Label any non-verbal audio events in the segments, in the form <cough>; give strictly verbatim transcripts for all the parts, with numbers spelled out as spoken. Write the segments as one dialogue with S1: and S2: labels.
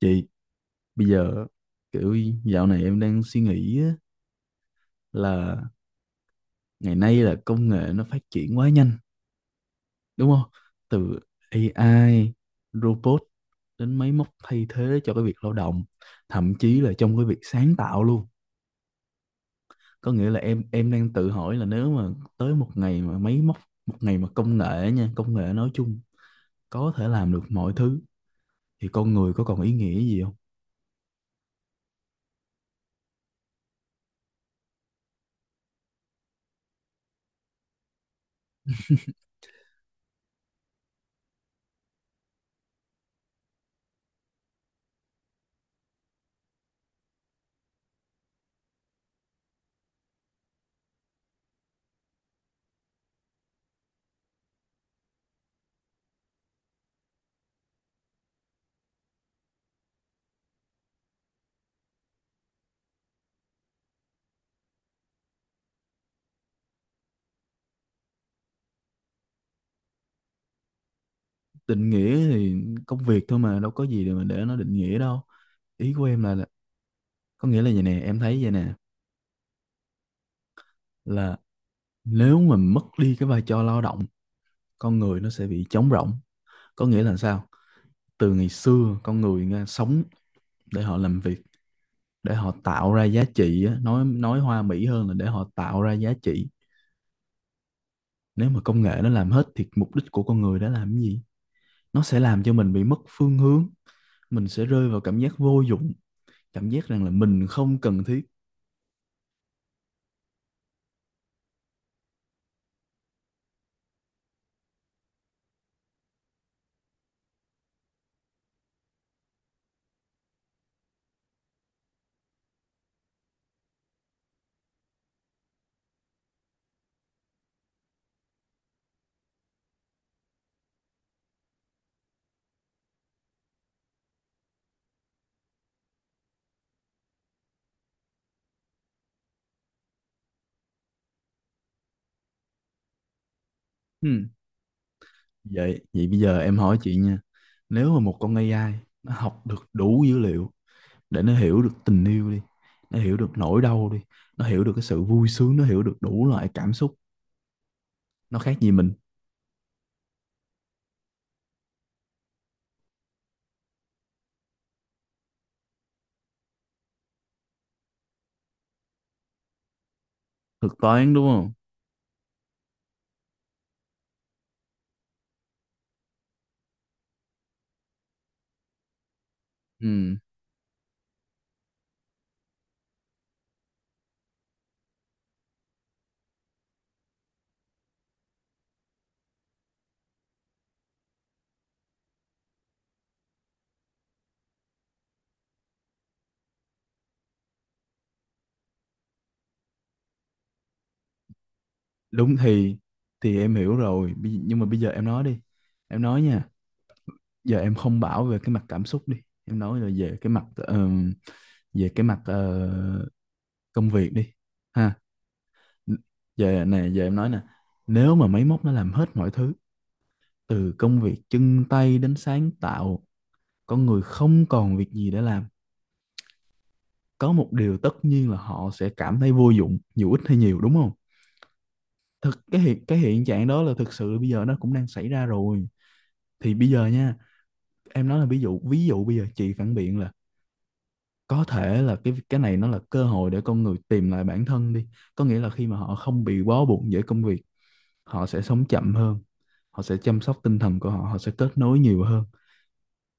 S1: Chị, bây giờ kiểu dạo này em đang suy nghĩ á, là ngày nay là công nghệ nó phát triển quá nhanh, đúng không? Từ a i, robot đến máy móc thay thế cho cái việc lao động, thậm chí là trong cái việc sáng tạo luôn. Có nghĩa là em em đang tự hỏi là nếu mà tới một ngày mà máy móc, một ngày mà công nghệ nha, công nghệ nói chung có thể làm được mọi thứ thì con người có còn ý nghĩa gì không? <laughs> Định nghĩa thì công việc thôi mà đâu có gì để mà để nó định nghĩa đâu. Ý của em là là- có nghĩa là vậy nè, em thấy vậy nè, là nếu mà mất đi cái vai trò lao động, con người nó sẽ bị trống rỗng. Có nghĩa là sao? Từ ngày xưa con người nghe, sống để họ làm việc, để họ tạo ra giá trị á, nói nói hoa mỹ hơn là để họ tạo ra giá trị. Nếu mà công nghệ nó làm hết thì mục đích của con người đã làm cái gì? Nó sẽ làm cho mình bị mất phương hướng, mình sẽ rơi vào cảm giác vô dụng, cảm giác rằng là mình không cần thiết. Ừ. Vậy vậy bây giờ em hỏi chị nha. Nếu mà một con ây ai nó học được đủ dữ liệu để nó hiểu được tình yêu đi, nó hiểu được nỗi đau đi, nó hiểu được cái sự vui sướng, nó hiểu được đủ loại cảm xúc, nó khác gì mình? Thực toán đúng không? Ừ, đúng. Thì thì em hiểu rồi, Bi- nhưng mà bây giờ em nói đi. Em nói nha, giờ em không bảo về cái mặt cảm xúc đi, em nói là về cái mặt ờ, về cái mặt ờ, công việc đi ha. Giờ nè, giờ em nói nè, nếu mà máy móc nó làm hết mọi thứ từ công việc chân tay đến sáng tạo, con người không còn việc gì để làm, có một điều tất nhiên là họ sẽ cảm thấy vô dụng dù ít hay nhiều, đúng không? Thực cái hiện cái hiện trạng đó là thực sự bây giờ nó cũng đang xảy ra rồi. Thì bây giờ nha, em nói là ví dụ ví dụ bây giờ chị phản biện là có thể là cái cái này nó là cơ hội để con người tìm lại bản thân đi, có nghĩa là khi mà họ không bị bó buộc bởi công việc, họ sẽ sống chậm hơn, họ sẽ chăm sóc tinh thần của họ, họ sẽ kết nối nhiều hơn.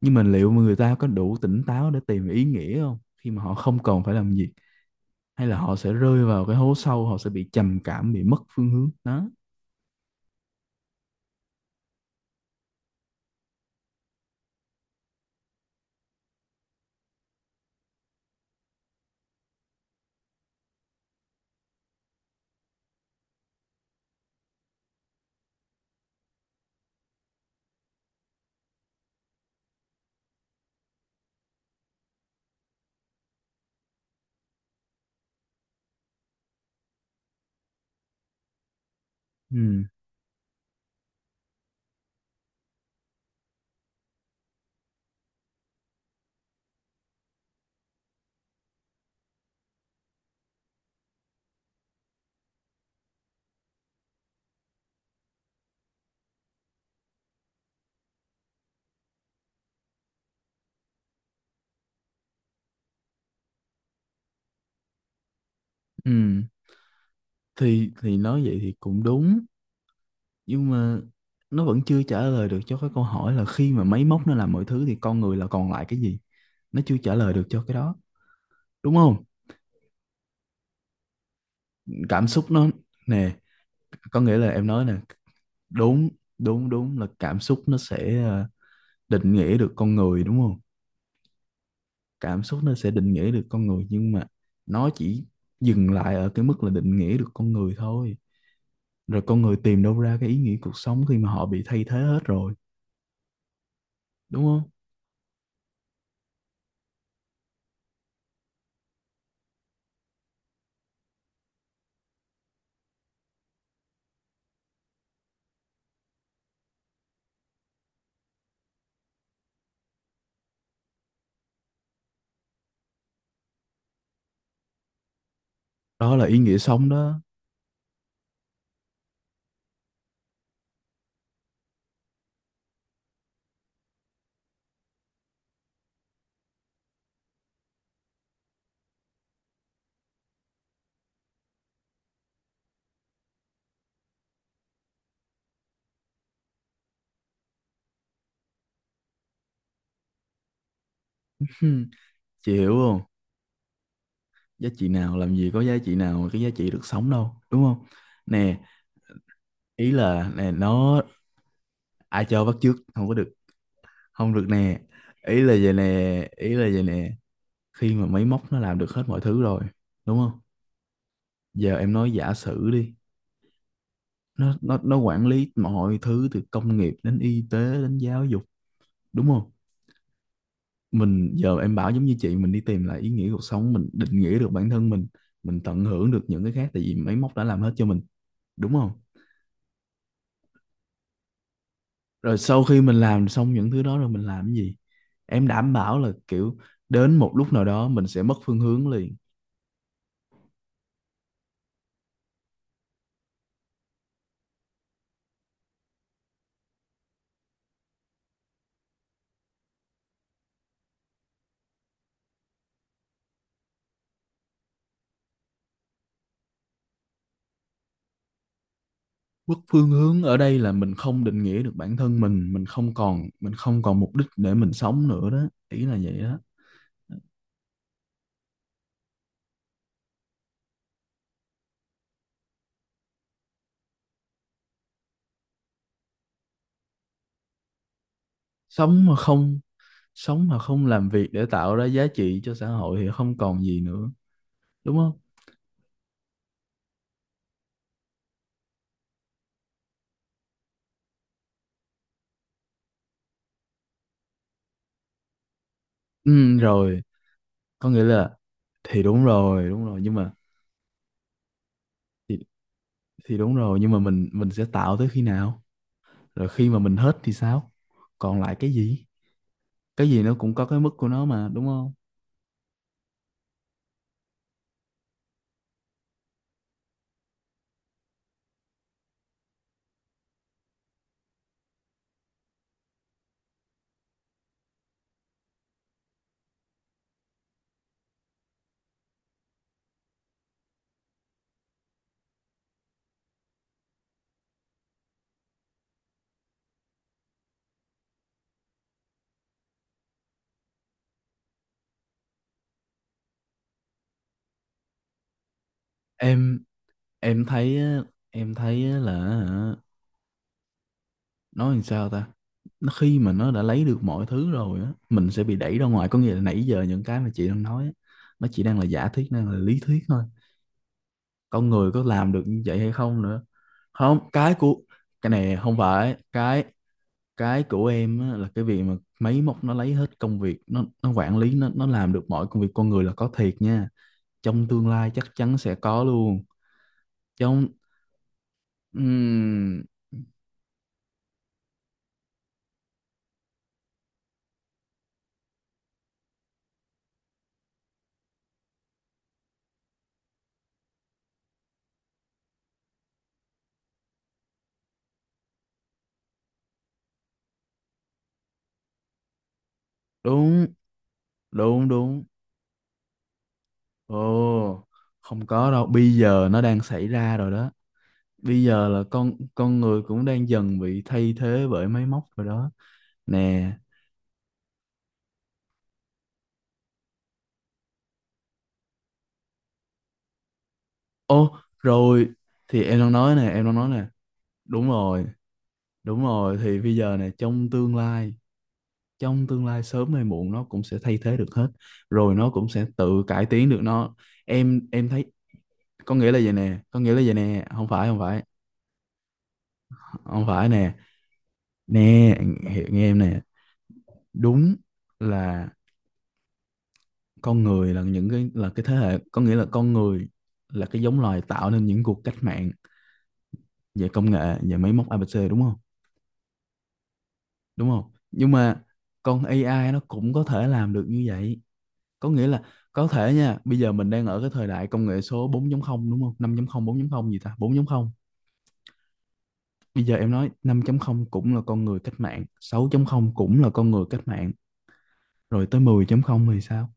S1: Nhưng mà liệu mà người ta có đủ tỉnh táo để tìm ý nghĩa không khi mà họ không còn phải làm gì, hay là họ sẽ rơi vào cái hố sâu, họ sẽ bị trầm cảm, bị mất phương hướng đó. Ừ, ừ, thì thì nói vậy thì cũng đúng, nhưng mà nó vẫn chưa trả lời được cho cái câu hỏi là khi mà máy móc nó làm mọi thứ thì con người là còn lại cái gì. Nó chưa trả lời được cho cái đó, đúng không? Cảm xúc nó nè, có nghĩa là em nói nè, đúng, đúng, đúng là cảm xúc nó sẽ ờ, định nghĩa được con người, đúng không? Cảm xúc nó sẽ định nghĩa được con người, nhưng mà nó chỉ dừng lại ở cái mức là định nghĩa được con người thôi. Rồi con người tìm đâu ra cái ý nghĩa cuộc sống khi mà họ bị thay thế hết rồi, đúng không? Đó là ý nghĩa sống đó. <laughs> Chị hiểu không? Giá trị nào, làm gì có giá trị nào mà cái giá trị được sống đâu, đúng không? Nè, ý là nè, nó ai cho bắt chước không có được, không được nè. Ý là vậy nè, ý là vậy nè, khi mà máy móc nó làm được hết mọi thứ rồi, đúng không? Giờ em nói giả sử đi, nó nó nó quản lý mọi thứ từ công nghiệp đến y tế đến giáo dục, đúng không? Mình giờ em bảo giống như chị, mình đi tìm lại ý nghĩa cuộc sống, mình định nghĩa được bản thân mình mình tận hưởng được những cái khác tại vì máy móc đã làm hết cho mình, đúng không? Rồi sau khi mình làm xong những thứ đó rồi mình làm cái gì? Em đảm bảo là kiểu đến một lúc nào đó mình sẽ mất phương hướng liền. Mất phương hướng ở đây là mình không định nghĩa được bản thân mình mình không còn, mình không còn mục đích để mình sống nữa đó, ý là vậy đó. sống mà không Sống mà không làm việc để tạo ra giá trị cho xã hội thì không còn gì nữa, đúng không? Ừ, rồi, có nghĩa là thì đúng rồi, đúng rồi, nhưng mà thì, thì đúng rồi, nhưng mà mình mình sẽ tạo tới khi nào? Rồi khi mà mình hết thì sao, còn lại cái gì? Cái gì nó cũng có cái mức của nó mà, đúng không? Em em thấy á, em thấy á là hả, nói làm sao ta, nó khi mà nó đã lấy được mọi thứ rồi á, mình sẽ bị đẩy ra ngoài. Có nghĩa là nãy giờ những cái mà chị đang nói á, nó chỉ đang là giả thuyết, đang là lý thuyết thôi, con người có làm được như vậy hay không nữa. Không, cái của cái này không phải, cái cái của em á, là cái việc mà máy móc nó lấy hết công việc, nó nó quản lý, nó nó làm được mọi công việc con người là có thiệt nha. Trong tương lai chắc chắn sẽ có luôn. Trong ừm, đúng, đúng, đúng. Ồ, không có đâu, bây giờ nó đang xảy ra rồi đó. Bây giờ là con con người cũng đang dần bị thay thế bởi máy móc rồi đó nè. Ô, rồi, thì em đang nói nè, em đang nói nè. Đúng rồi, đúng rồi. Thì bây giờ nè, trong tương lai, trong tương lai sớm hay muộn nó cũng sẽ thay thế được hết. Rồi nó cũng sẽ tự cải tiến được nó. Em em thấy có nghĩa là vậy nè, có nghĩa là vậy nè, không phải, không phải, không phải nè. Nè, hiểu nghe em nè. Đúng là con người là những cái là cái thế hệ, có nghĩa là con người là cái giống loài tạo nên những cuộc cách mạng về công nghệ, về máy móc, a bê xê đúng không? Đúng không, nhưng mà con a i nó cũng có thể làm được như vậy, có nghĩa là có thể nha. Bây giờ mình đang ở cái thời đại công nghệ số bốn không, đúng không, năm chấm không bốn 4 không gì ta bốn không. Bây giờ em nói năm không cũng là con người cách mạng, sáu không cũng là con người cách mạng, rồi tới mười không thì sao?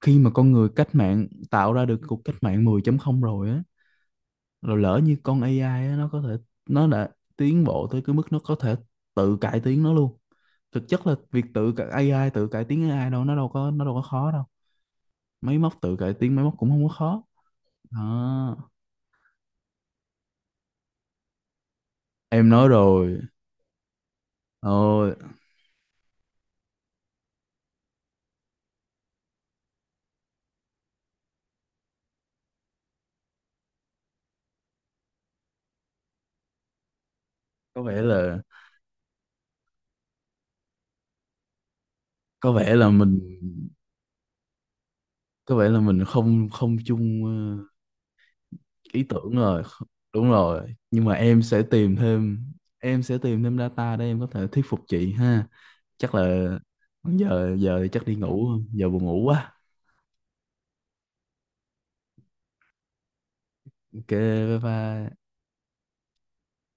S1: Khi mà con người cách mạng tạo ra được cuộc cách mạng mười không rồi á, rồi lỡ như con a i á, nó có thể nó đã tiến bộ tới cái mức nó có thể tự cải tiến nó luôn. Thực chất là việc tự cải- a i tự cải tiến a i đâu, nó đâu có nó đâu có khó đâu. Máy móc tự cải tiến máy móc cũng không có khó đó, em nói rồi. Ôi, có vẻ là có vẻ là mình có vẻ là mình không không chung ý tưởng rồi. Đúng rồi, nhưng mà em sẽ tìm thêm em sẽ tìm thêm data để em có thể thuyết phục chị ha. Chắc là giờ giờ thì chắc đi ngủ, giờ buồn ngủ quá. Ok, bye bye.